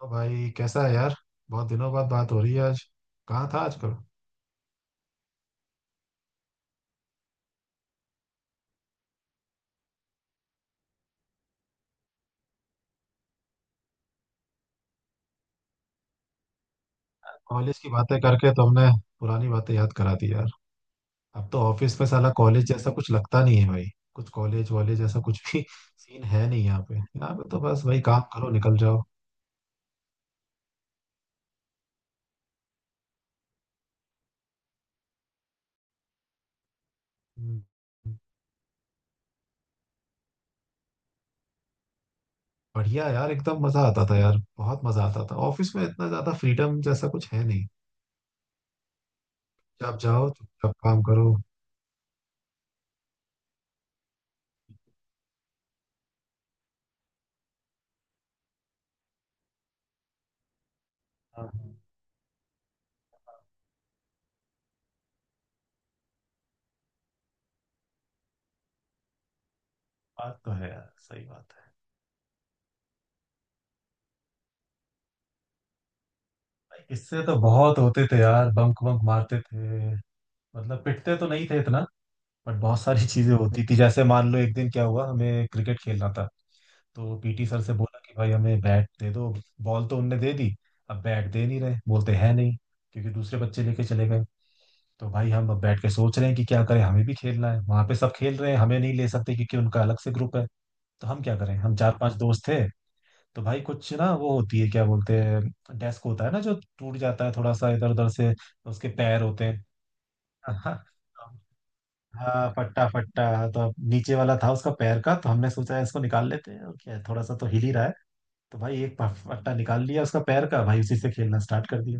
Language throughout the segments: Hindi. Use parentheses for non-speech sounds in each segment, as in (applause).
तो भाई कैसा है यार। बहुत दिनों बाद बात हो रही है आज। कहाँ था आजकल। कॉलेज की बातें करके तुमने पुरानी बातें याद करा दी यार। अब तो ऑफिस में साला कॉलेज जैसा कुछ लगता नहीं है भाई। कुछ कॉलेज वॉलेज ऐसा कुछ भी (laughs) सीन है नहीं यहाँ पे। यहाँ पे तो बस भाई काम करो, निकल जाओ। हम्म, बढ़िया यार, एकदम मजा आता था यार। बहुत मजा आता था। ऑफिस में इतना ज्यादा फ्रीडम जैसा कुछ है नहीं। जब जाओ चुपचाप काम करो। हाँ, बात तो है यार, सही बात है। इससे तो बहुत होते थे यार, बंक बंक मारते थे। मतलब पिटते तो नहीं थे इतना। बट बहुत सारी (laughs) चीजें होती थी। जैसे मान लो एक दिन क्या हुआ, हमें क्रिकेट खेलना था। तो पीटी सर से बोला कि भाई हमें बैट दे दो। बॉल तो उनने दे दी। अब बैट दे नहीं रहे, बोलते हैं नहीं, क्योंकि दूसरे बच्चे लेके चले गए। तो भाई हम अब बैठ के सोच रहे हैं कि क्या करें। हमें भी खेलना है, वहां पे सब खेल रहे हैं। हमें नहीं ले सकते क्योंकि उनका अलग से ग्रुप है। तो हम क्या करें, हम चार पांच दोस्त थे। तो भाई कुछ ना, वो होती है, क्या बोलते हैं, डेस्क होता है ना जो टूट जाता है थोड़ा सा इधर उधर से। उसके पैर होते हैं। हाँ। हाँ, फट्टा फट्टा। तो अब नीचे वाला था उसका पैर का, तो हमने सोचा इसको निकाल लेते हैं। और क्या है, थोड़ा सा तो हिल ही रहा है। तो भाई एक फट्टा निकाल लिया उसका पैर का भाई, उसी से खेलना स्टार्ट कर दिया।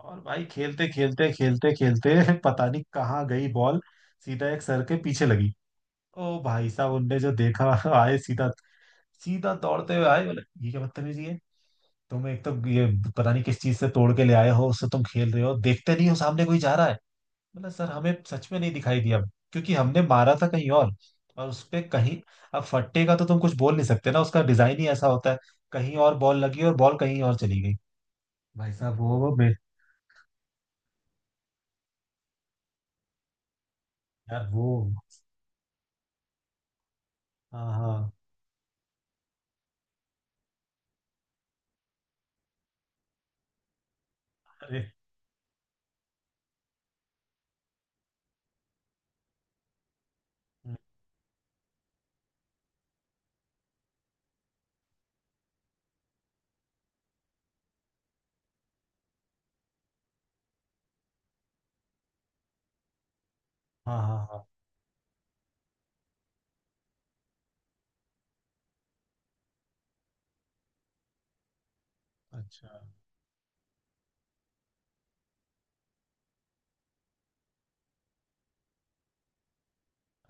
और भाई खेलते खेलते खेलते खेलते (laughs) पता नहीं कहाँ गई बॉल। सीधा एक सर के पीछे लगी। ओ भाई साहब, उनने जो देखा (laughs) आए सीधा। सीधा दौड़ते हुए आए, बोले ये क्या बदतमीजी है। तुम एक तो ये पता नहीं किस चीज से तोड़ के ले आए हो, उससे तुम खेल रहे हो, देखते नहीं हो सामने कोई जा रहा है। बोला सर हमें सच में नहीं दिखाई दिया, क्योंकि हमने मारा था कहीं और उस पे कहीं। अब फट्टे का तो तुम कुछ बोल नहीं सकते ना, उसका डिजाइन ही ऐसा होता है। कहीं और बॉल लगी और बॉल कहीं और चली गई। भाई साहब वो बे यार वो। हाँ हाँ। अरे। हम्म, हाँ हाँ हाँ। अच्छा।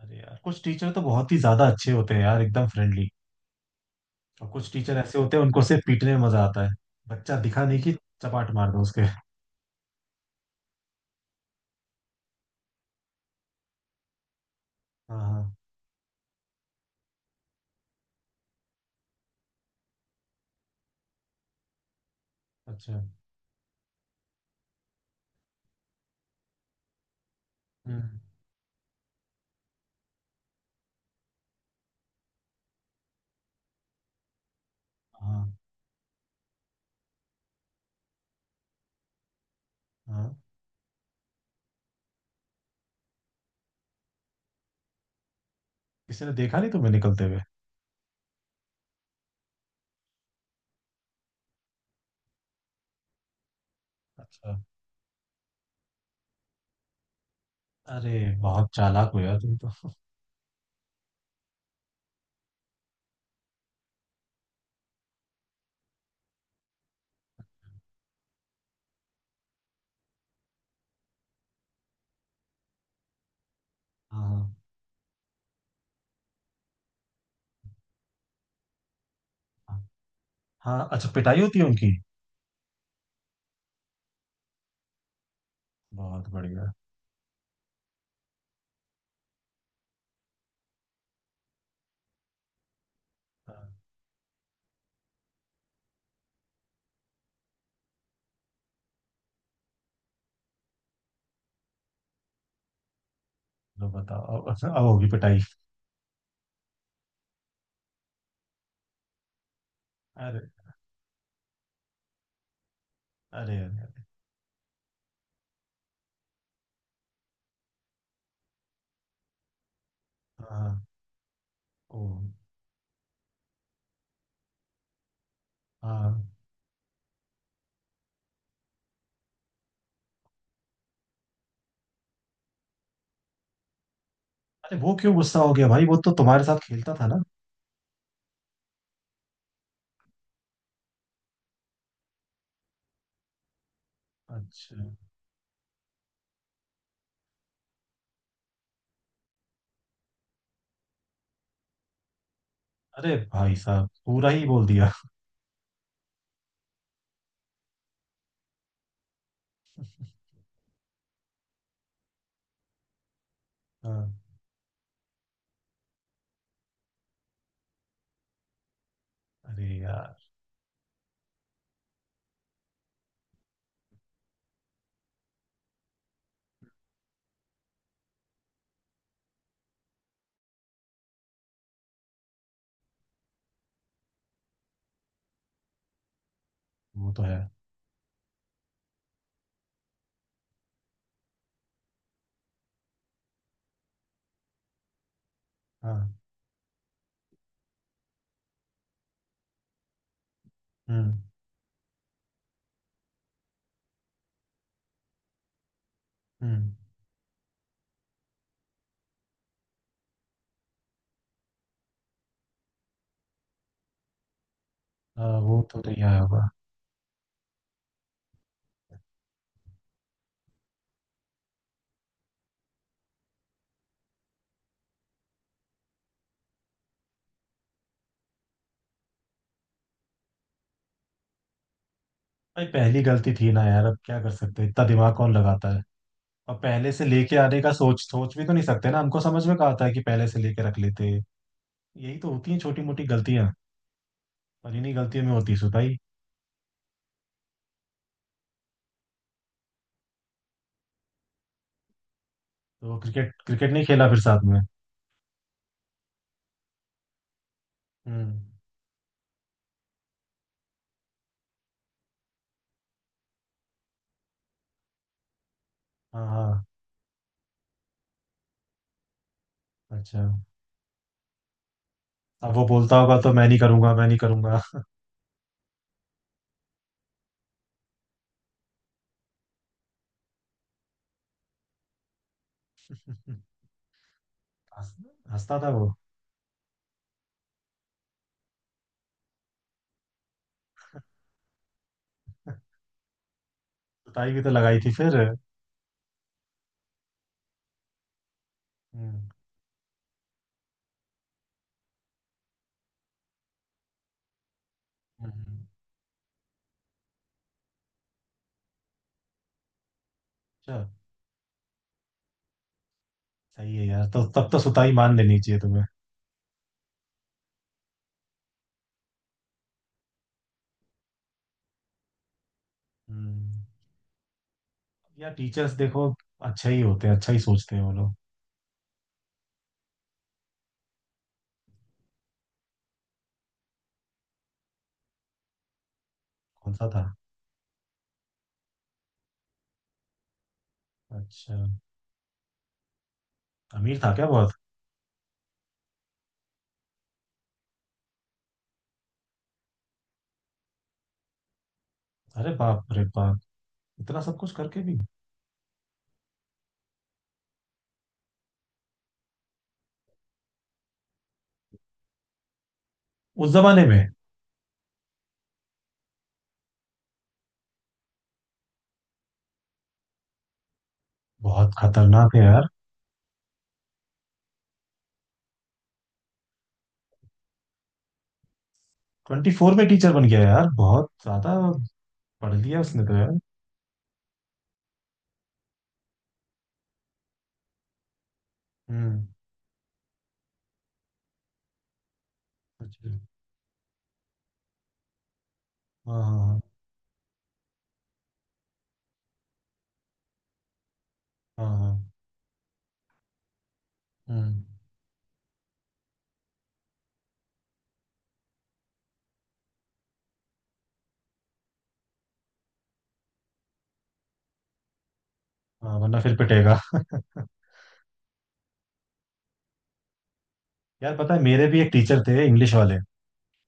अरे यार, कुछ टीचर तो बहुत ही ज्यादा अच्छे होते हैं यार, एकदम फ्रेंडली। और कुछ टीचर ऐसे होते हैं, उनको सिर्फ पीटने में मजा आता है। बच्चा दिखा नहीं कि चपाट मार दो उसके। हाँ हाँ। अच्छा। हम्म। हाँ हाँ। किसी ने देखा नहीं तुम्हें निकलते हुए। अच्छा। अरे बहुत चालाक हो यार तुम तो। हाँ हाँ हाँ। अच्छा, पिटाई होती है उनकी। बहुत बढ़िया। हाँ। लो बताओ अब। अब होगी पिटाई। अरे। अरे। अरे, अरे। हाँ। ओ। हाँ। अरे वो क्यों गुस्सा हो गया भाई, वो तो तुम्हारे साथ खेलता था ना। अच्छा। अरे भाई साहब, पूरा ही बोल दिया। हाँ। अरे यार। वो तो है। हाँ। हम्म। हम्म। हाँ, वो तो नहीं आया होगा। भाई पहली गलती थी ना यार, अब क्या कर सकते हैं, इतना दिमाग कौन लगाता है। और पहले से लेके आने का सोच सोच भी तो नहीं सकते ना, हमको समझ में कहा था कि पहले से लेके रख लेते। यही तो होती है छोटी मोटी गलतियां। पर इन्हीं गलतियों में होती है सुताई। तो क्रिकेट क्रिकेट नहीं खेला फिर साथ में। हम्म। हाँ हाँ। अच्छा। अब वो बोलता होगा तो मैं नहीं करूंगा, मैं नहीं करूंगा। (laughs) हंस- हंसता था वो। सुताई भी तो लगाई थी फिर। हम्म। हम्म, अच्छा। सही है यार, तो तब तो सुताई मान लेनी चाहिए तुम्हें। हम्म। या टीचर्स देखो अच्छा ही होते हैं, अच्छा ही सोचते हैं वो लोग। कौन सा था। अच्छा। अमीर था क्या बहुत। अरे बाप रे बाप। इतना सब कुछ करके भी। उस जमाने में। बहुत खतरनाक है यार। 24 में टीचर बन गया यार, बहुत ज्यादा पढ़ लिया उसने तो यार। हम्म। अच्छा। हाँ हाँ हाँ। हाँ हाँ। हम्म, हाँ, वरना फिर पिटेगा। (laughs) यार पता है मेरे भी एक टीचर थे इंग्लिश वाले।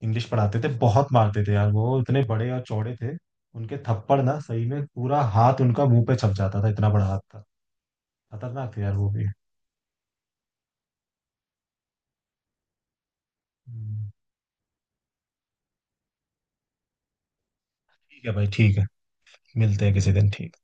इंग्लिश पढ़ाते थे, बहुत मारते थे यार। वो इतने बड़े और चौड़े थे। उनके थप्पड़ ना सही में पूरा हाथ उनका मुंह पे छप जाता था, इतना बड़ा हाथ था। खतरनाक थे यार वो भी। हम्म, ठीक है भाई, ठीक है। मिलते हैं किसी दिन, ठीक।